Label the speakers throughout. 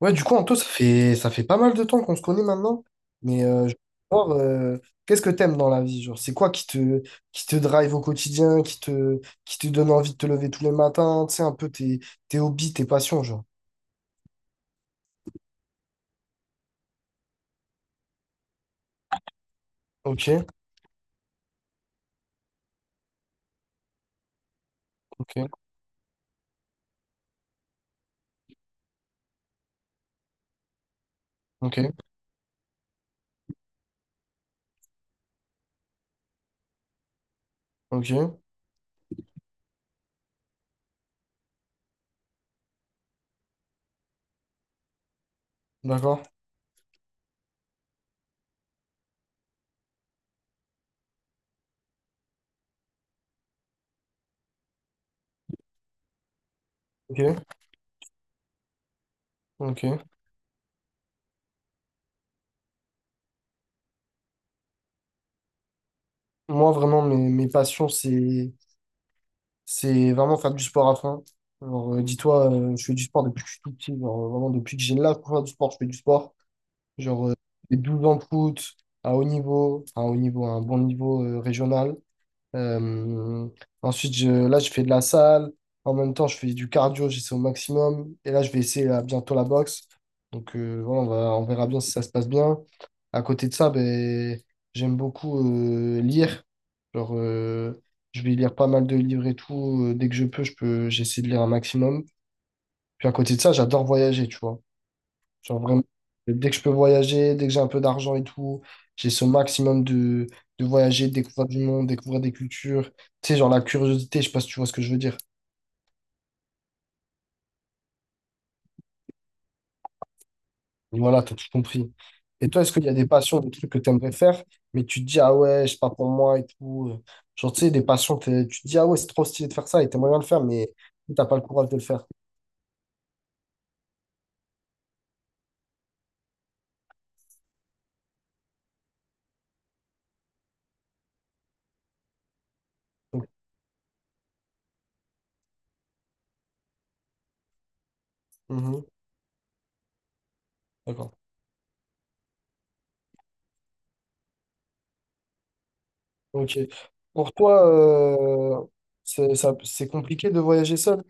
Speaker 1: Ouais, du coup, Anto, ça fait pas mal de temps qu'on se connaît maintenant. Mais je veux savoir, qu'est-ce que t'aimes dans la vie? Genre, c'est quoi qui te drive au quotidien, qui te donne envie de te lever tous les matins, tu sais, un peu tes hobbies, tes passions, genre. Ok, ok, ok, ok, d'accord, ok, ok. Moi, vraiment, mes passions, c'est vraiment faire du sport à fond. Alors, dis-toi, je fais du sport depuis que je suis tout petit. Genre, vraiment, depuis que j'ai l'âge pour faire du sport, je fais du sport. Genre, les 12 ans de foot à haut niveau, à un bon niveau régional. Euh, ensuite, là, je fais de la salle. En même temps, je fais du cardio, j'essaie au maximum. Et là, je vais essayer là, bientôt la boxe. Donc, voilà, on verra bien si ça se passe bien. À côté de ça, ben, j'aime beaucoup lire. Genre, je vais lire pas mal de livres et tout. Dès que je peux, j'essaie de lire un maximum. Puis à côté de ça, j'adore voyager, tu vois. Genre vraiment, dès que je peux voyager, dès que j'ai un peu d'argent et tout, j'ai ce maximum de voyager, de découvrir du monde, découvrir des cultures. Tu sais, genre la curiosité, je sais pas si tu vois ce que je veux dire. Mais voilà, t'as tout compris. Et toi, est-ce qu'il y a des passions, des trucs que tu aimerais faire, mais tu te dis, ah ouais, c'est pas pour moi et tout. Genre, tu sais, des passions, tu te dis, ah ouais, c'est trop stylé de faire ça et t'aimerais bien le faire, mais t'as pas le courage de le faire. Donc, mhm, d'accord. Ok. Pour toi, euh, c'est compliqué de voyager seul?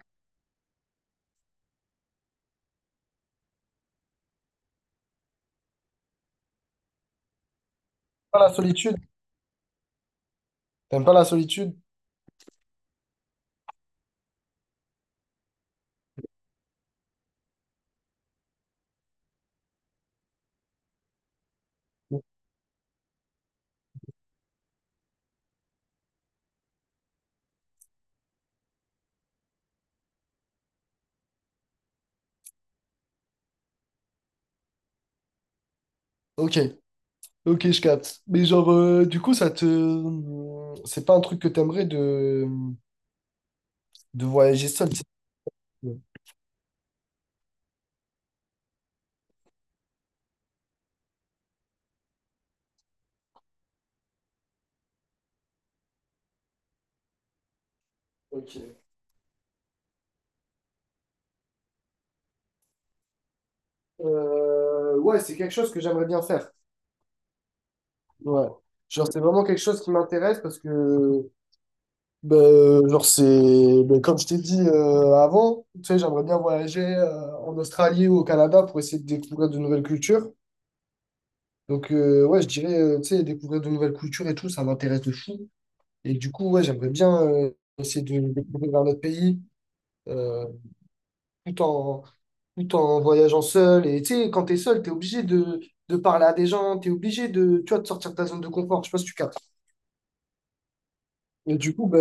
Speaker 1: Pas la solitude? T'aimes pas la solitude? Ok, ok, je capte. Mais genre, du coup, ça te... C'est pas un truc que t'aimerais de voyager seul, tu sais. Ok. Ouais, c'est quelque chose que j'aimerais bien faire. Ouais. Genre, c'est vraiment quelque chose qui m'intéresse parce que, ben, genre, c'est... ben, comme je t'ai dit avant, tu sais, j'aimerais bien voyager en Australie ou au Canada pour essayer de découvrir de nouvelles cultures. Donc, ouais, je dirais, tu sais, découvrir de nouvelles cultures et tout, ça m'intéresse de fou. Et du coup, ouais, j'aimerais bien essayer de découvrir notre pays euh, tout en, tout en voyageant seul. Et tu sais, quand t'es seul, t'es obligé de parler à des gens, t'es obligé de, tu vois, de sortir de ta zone de confort. Je sais pas si tu captes. Et du coup, bah,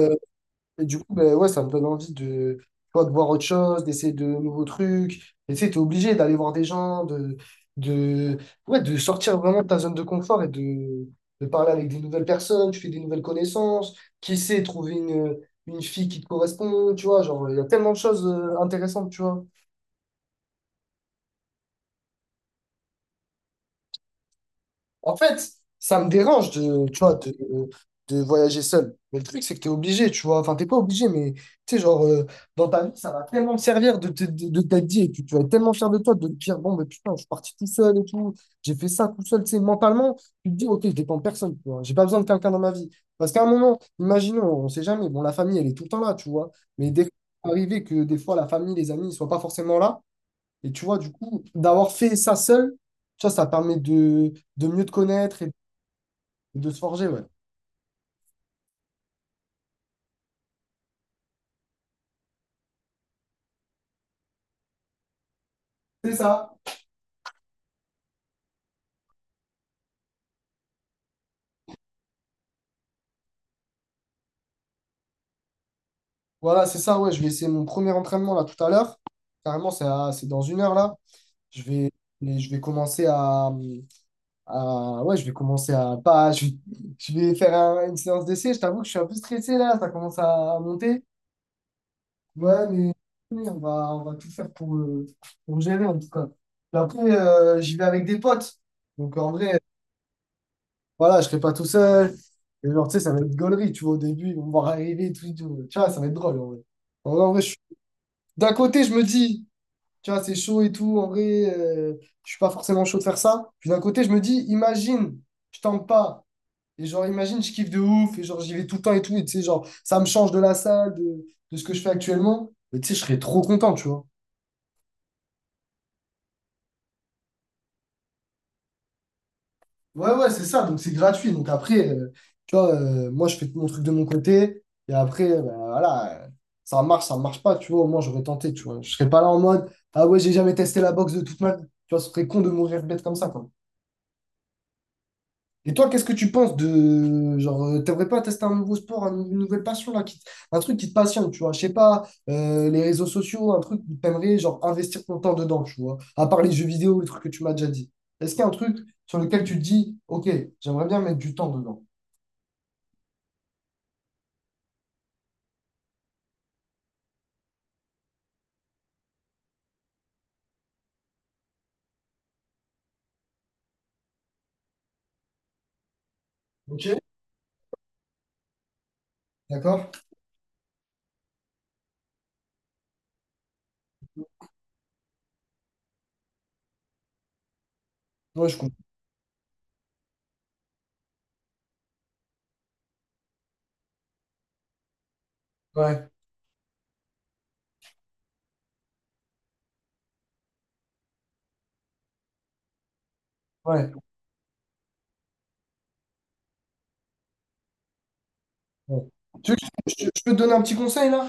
Speaker 1: Et du coup, ben ouais, ça me donne envie de, tu vois, de voir autre chose, d'essayer de nouveaux trucs. Et tu sais, t'es obligé d'aller voir des gens, de, ouais, de sortir vraiment de ta zone de confort et de parler avec des nouvelles personnes, tu fais des nouvelles connaissances. Qui sait, trouver une fille qui te correspond, tu vois, genre, il y a tellement de choses intéressantes, tu vois. En fait, ça me dérange de, tu vois, de voyager seul. Mais le truc, c'est que t'es obligé, tu vois. Enfin, t'es pas obligé, mais tu sais, genre, dans ta vie, ça va tellement te servir de t'être dit, et puis tu vas être tellement fier de toi de te dire, bon, mais putain, je suis parti tout seul et tout, j'ai fait ça tout seul, tu sais, mentalement, tu te dis, ok, je dépends de personne, tu vois. J'ai pas besoin de quelqu'un dans ma vie. Parce qu'à un moment, imaginons, on sait jamais, bon, la famille, elle est tout le temps là, tu vois. Mais des fois, il peut arriver que des fois, la famille, les amis, ils soient pas forcément là. Et tu vois, du coup, d'avoir fait ça seul, tu vois, ça permet de mieux te connaître et de se forger, ouais. C'est ça. Voilà, c'est ça, ouais. Je vais essayer mon premier entraînement là tout à l'heure. Carrément, c'est dans 1 heure là. Je vais, mais je vais commencer ouais, je vais commencer à. Pas, je vais faire une séance d'essai. Je t'avoue que je suis un peu stressé là. Ça commence à monter. Ouais, mais on va tout faire pour gérer en tout cas. Et après, j'y vais avec des potes. Donc en vrai. Voilà, je serai pas tout seul. Et genre, tu sais, ça va être gaulerie, tu vois, au début, ils vont me voir arriver, tout, et tout. Tu vois, ça va être drôle, en vrai. En vrai, en vrai, d'un côté, je me dis, tu vois, c'est chaud et tout, en vrai, euh, je suis pas forcément chaud de faire ça. Puis d'un côté, je me dis, imagine, je tente pas. Et genre, imagine, je kiffe de ouf, et genre, j'y vais tout le temps et tout, et tu sais, genre, ça me change de la salle, de ce que je fais actuellement. Mais tu sais, je serais trop content, tu vois. Ouais, ouais, c'est ça. Donc, c'est gratuit. Donc, après, tu vois, moi, je fais mon truc de mon côté. Et après, ben, voilà, ça marche pas. Tu vois, au moins, j'aurais tenté. Tu vois, je serais pas là en mode, ah ouais, j'ai jamais testé la boxe de toute ma vie. Tu vois, ce serait con de mourir bête comme ça, quoi. Et toi, qu'est-ce que tu penses de genre, t'aimerais pas tester un nouveau sport, une nouvelle passion là, qui un truc qui te passionne, tu vois, je sais pas, les réseaux sociaux, un truc où t'aimerais genre investir ton temps dedans, tu vois, à part les jeux vidéo, le truc que tu m'as déjà dit. Est-ce qu'il y a un truc sur lequel tu te dis, ok, j'aimerais bien mettre du temps dedans. Ok. D'accord? Ouais, je comprends. Ouais, ouais, ouais. Tu veux que je peux te donner un petit conseil là?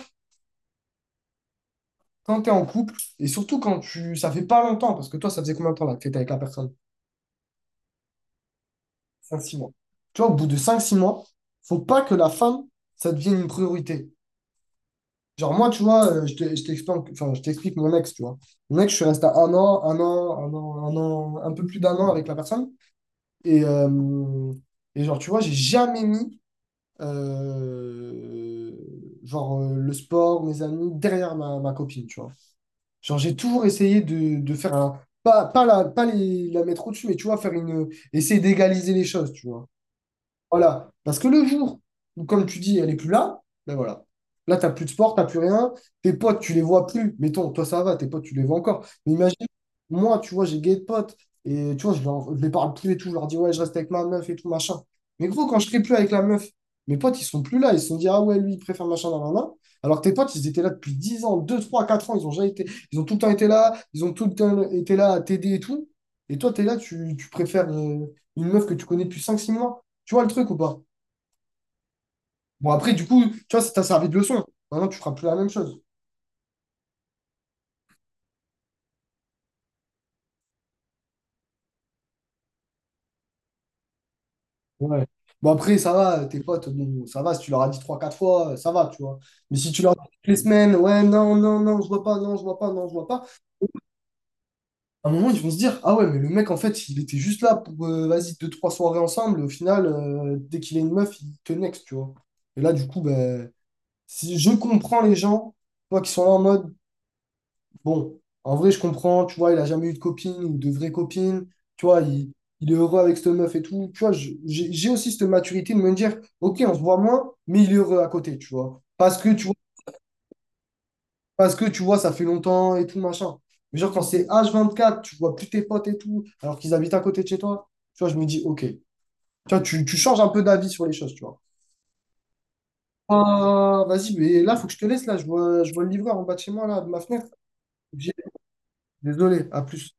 Speaker 1: Quand tu es en couple, et surtout quand tu, ça fait pas longtemps, parce que toi, ça faisait combien de temps là que tu avec la personne? Cinq six mois. Tu vois, au bout de cinq six mois, faut pas que la femme, ça devienne une priorité. Genre, moi, tu vois, je t'explique, enfin, je t'explique mon ex, tu vois. Mon ex, je suis resté à un peu plus d'un an avec la personne. Et, euh, et genre, tu vois, j'ai jamais mis, euh, genre, le sport, mes amis, derrière ma copine, tu vois. Genre, j'ai toujours essayé de faire un, pas, pas, la, pas les, la mettre au-dessus, mais tu vois, essayer d'égaliser les choses, tu vois. Voilà. Parce que le jour où, comme tu dis, elle n'est plus là, ben voilà. Là, tu n'as plus de sport, tu n'as plus rien. Tes potes, tu les vois plus. Mettons, toi, ça va, tes potes, tu les vois encore. Mais imagine, moi, tu vois, j'ai gay de potes. Et tu vois, je les parle plus et tout. Je leur dis, ouais, je reste avec ma meuf et tout, machin. Mais gros, quand je serai plus avec la meuf, mes potes, ils sont plus là. Ils se sont dit, ah ouais, lui, il préfère machin dans la main. Alors que tes potes, ils étaient là depuis 10 ans, 2 3 4 ans. Ils ont jamais été, ils ont tout le temps été là. Ils ont tout le temps été là à t'aider et tout. Et toi, tu es là, tu préfères une meuf que tu connais depuis cinq six mois. Tu vois le truc ou pas? Bon, après, du coup, tu vois, ça t'a servi de leçon. Maintenant, tu feras plus la même chose. Ouais. Bon, après, ça va, tes potes, bon, ça va, si tu leur as dit trois quatre fois, ça va, tu vois. Mais si tu leur dis toutes les semaines, ouais, non, non, non, je vois pas, non, je vois pas, non, je vois pas, à un moment, ils vont se dire, ah ouais, mais le mec, en fait, il était juste là pour, vas-y, deux, trois soirées ensemble, au final, dès qu'il a une meuf, il te next, tu vois. Et là, du coup, ben, si je comprends les gens, toi, qui sont là en mode, bon, en vrai, je comprends, tu vois, il a jamais eu de copine ou de vraie copine, tu vois, il est heureux avec cette meuf et tout. Tu vois, j'ai aussi cette maturité de me dire, ok, on se voit moins, mais il est heureux à côté, tu vois. Parce que tu vois, ça fait longtemps et tout, machin. Mais genre, quand c'est H24, tu vois plus tes potes et tout, alors qu'ils habitent à côté de chez toi, tu vois, je me dis, ok. Tu vois, tu changes un peu d'avis sur les choses, tu vois. Ah, vas-y, mais là, faut que je te laisse, là, je vois, le livreur en bas de chez moi, là, de ma fenêtre. J'ai- Désolé, à plus.